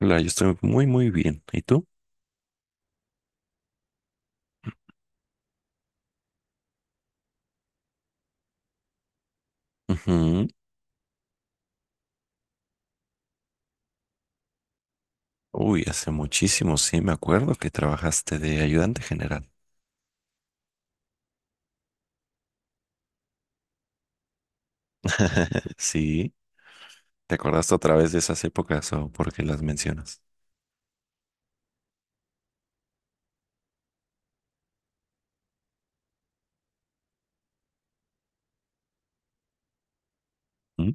Hola, yo estoy muy, muy bien. ¿Y tú? Ujú. Uy, hace muchísimo, sí, me acuerdo que trabajaste de ayudante general. Sí, ¿te acordaste otra vez de esas épocas o por qué las mencionas? ¿Mm?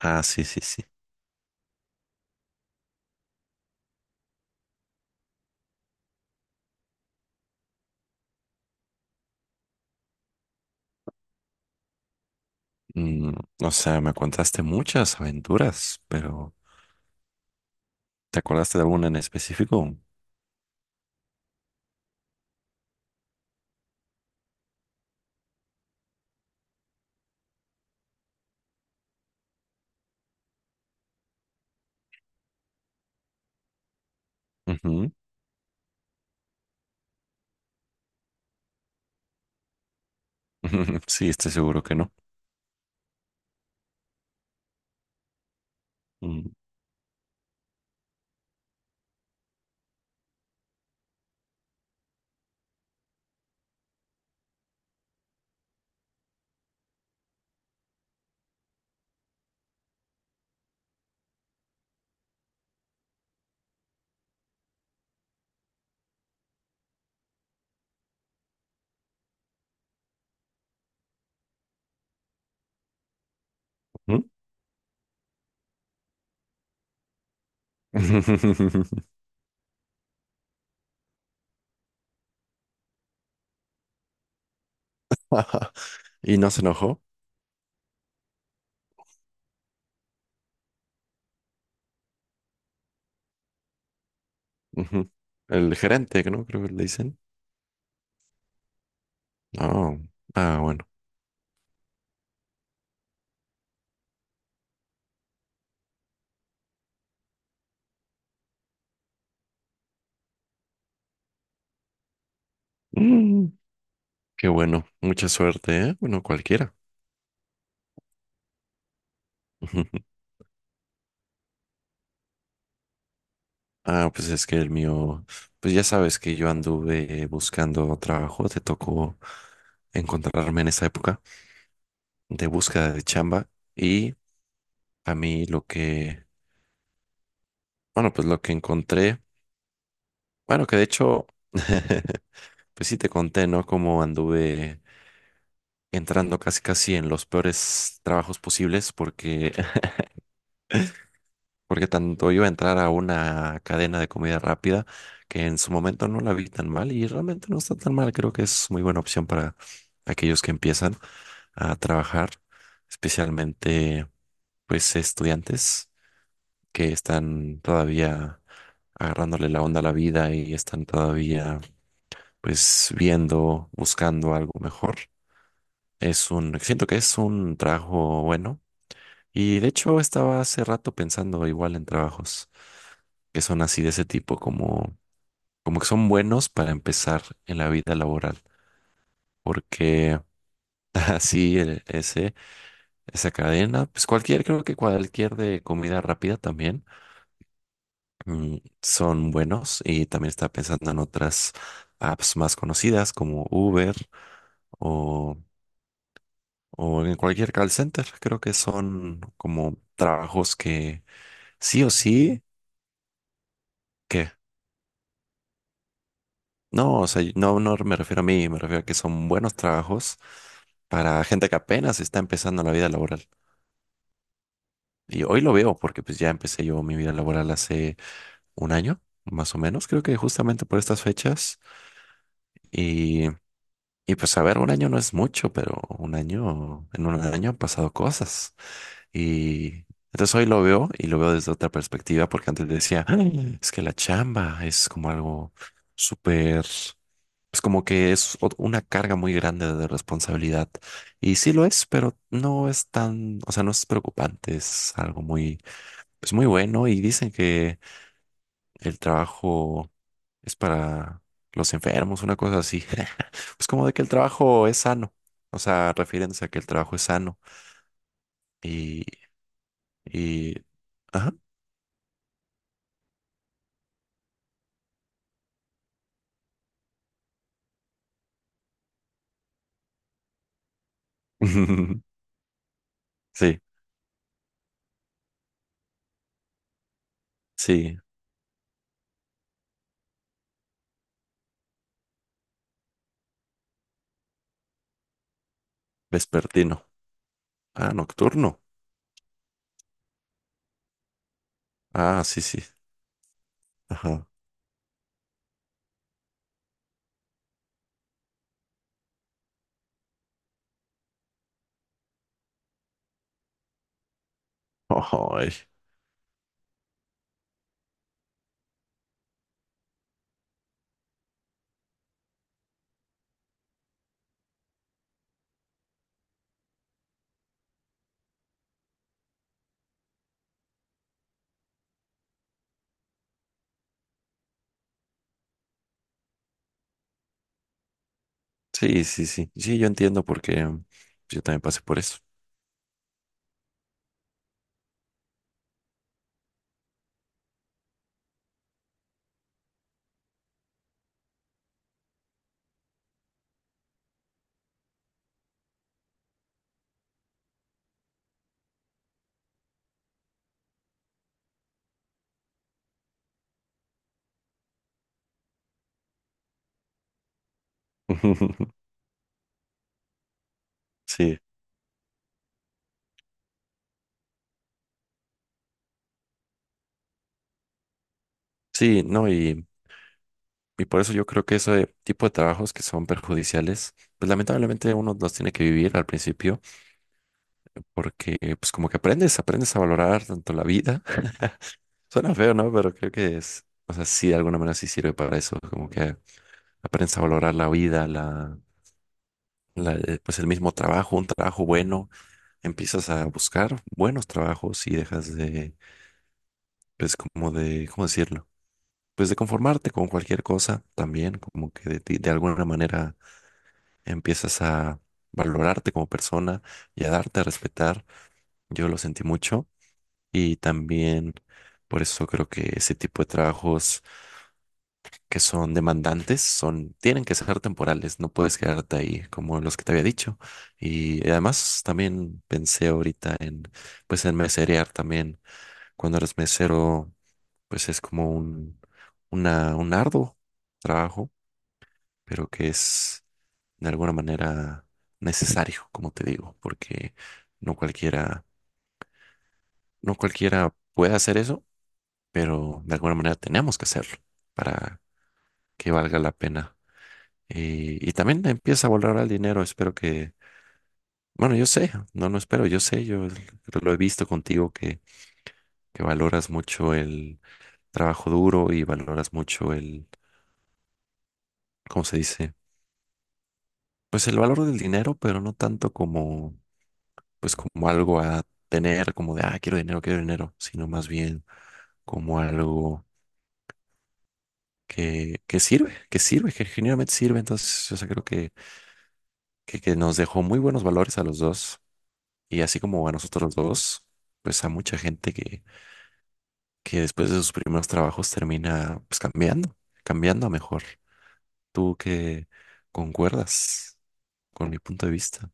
Ah, sí, sí, sí. Mm, o sea, me contaste muchas aventuras, pero ¿te acordaste de alguna en específico? Ujú. Sí, estoy seguro que no. Mm, ujú. ¿Y no se enojó? Ujú. El gerente, ¿no? Creo que le dicen. No. Ah, bueno. Mm. Qué bueno, mucha suerte, ¿eh? Bueno, cualquiera. Ah, pues es que el mío, pues ya sabes que yo anduve buscando trabajo, te tocó encontrarme en esa época de búsqueda de chamba. Y a mí lo que, bueno, pues lo que encontré, bueno, que de hecho, pues sí te conté, ¿no? Cómo anduve entrando casi casi en los peores trabajos posibles, porque tanto iba a entrar a una cadena de comida rápida que en su momento no la vi tan mal, y realmente no está tan mal. Creo que es muy buena opción para aquellos que empiezan a trabajar, especialmente pues estudiantes que están todavía agarrándole la onda a la vida y están todavía pues viendo, buscando algo mejor. Siento que es un trabajo bueno, y de hecho estaba hace rato pensando igual en trabajos que son así de ese tipo, como que son buenos para empezar en la vida laboral, porque así esa cadena, pues cualquier, creo que cualquier de comida rápida también, son buenos. Y también estaba pensando en otras apps más conocidas como Uber, o, o en cualquier call center. Creo que son como trabajos que sí o sí. ¿Qué? No, o sea, no, no me refiero a mí, me refiero a que son buenos trabajos para gente que apenas está empezando la vida laboral. Y hoy lo veo porque pues ya empecé yo mi vida laboral hace un año, más o menos, creo que justamente por estas fechas. Y, y pues a ver, un año no es mucho, pero un año, en un año han pasado cosas. Y entonces hoy lo veo y lo veo desde otra perspectiva, porque antes decía: "Ay, es que la chamba es como algo súper, pues como que es una carga muy grande de responsabilidad. Y sí lo es, pero no es tan, o sea, no es preocupante, es algo muy, pues muy bueno. Y dicen que el trabajo es para los enfermos, una cosa así. Pues como de que el trabajo es sano, o sea, refiriéndose a que el trabajo es sano. Y, y, ajá. Sí, sí, vespertino. Ah, nocturno. Ah, sí, sí. Ajá. Ojo, ay. Sí, sí, sí. Sí, yo entiendo porque yo también pasé por eso. Sí, sí, no, y por eso yo creo que ese tipo de trabajos que son perjudiciales, pues lamentablemente uno los tiene que vivir al principio, porque pues como que aprendes, aprendes a valorar tanto la vida. Suena feo, ¿no? Pero creo que es, o sea, sí, de alguna manera sí sirve para eso, como que aprendes a valorar la vida, pues el mismo trabajo, un trabajo bueno. Empiezas a buscar buenos trabajos y dejas de, pues como de, ¿cómo decirlo? Pues de conformarte con cualquier cosa también, como que de ti, de alguna manera empiezas a valorarte como persona y a darte a respetar. Yo lo sentí mucho, y también por eso creo que ese tipo de trabajos que son demandantes, son, tienen que ser temporales, no puedes quedarte ahí como los que te había dicho. Y además también pensé ahorita en, pues en meserear también. Cuando eres mesero, pues es como un arduo trabajo, pero que es de alguna manera necesario, como te digo, porque no cualquiera, no cualquiera puede hacer eso, pero de alguna manera tenemos que hacerlo para que valga la pena. Y también empieza a valorar el dinero. Espero que, bueno, yo sé, no, no espero, yo sé, yo lo he visto contigo, que valoras mucho el trabajo duro y valoras mucho el, ¿cómo se dice? Pues el valor del dinero, pero no tanto como, pues como algo a tener, como de, ah, quiero dinero, sino más bien como algo que sirve, que sirve, que genuinamente sirve. Entonces, o sea, creo que, nos dejó muy buenos valores a los dos, y así como a nosotros los dos, pues a mucha gente, que después de sus primeros trabajos termina pues cambiando, cambiando a mejor. ¿Tú que concuerdas con mi punto de vista?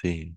Sí,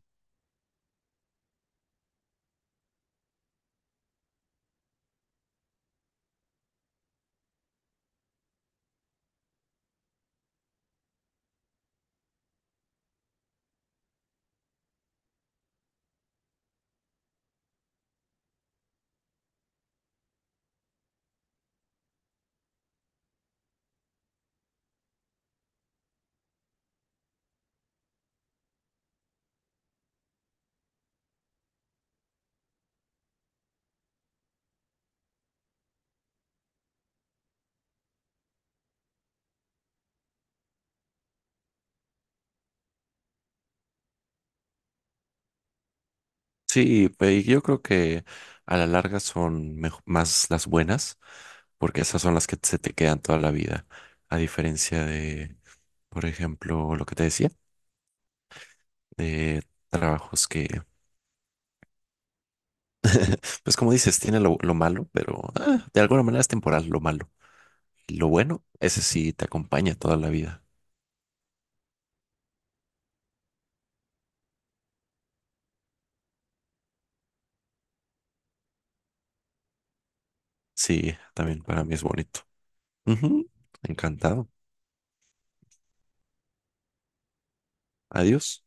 sí, yo creo que a la larga son más las buenas, porque esas son las que se te quedan toda la vida, a diferencia de, por ejemplo, lo que te decía, de trabajos que, pues como dices, tiene lo malo, pero ah, de alguna manera es temporal lo malo. Lo bueno, ese sí te acompaña toda la vida. Sí, también para mí es bonito. Ujú. Encantado. Adiós.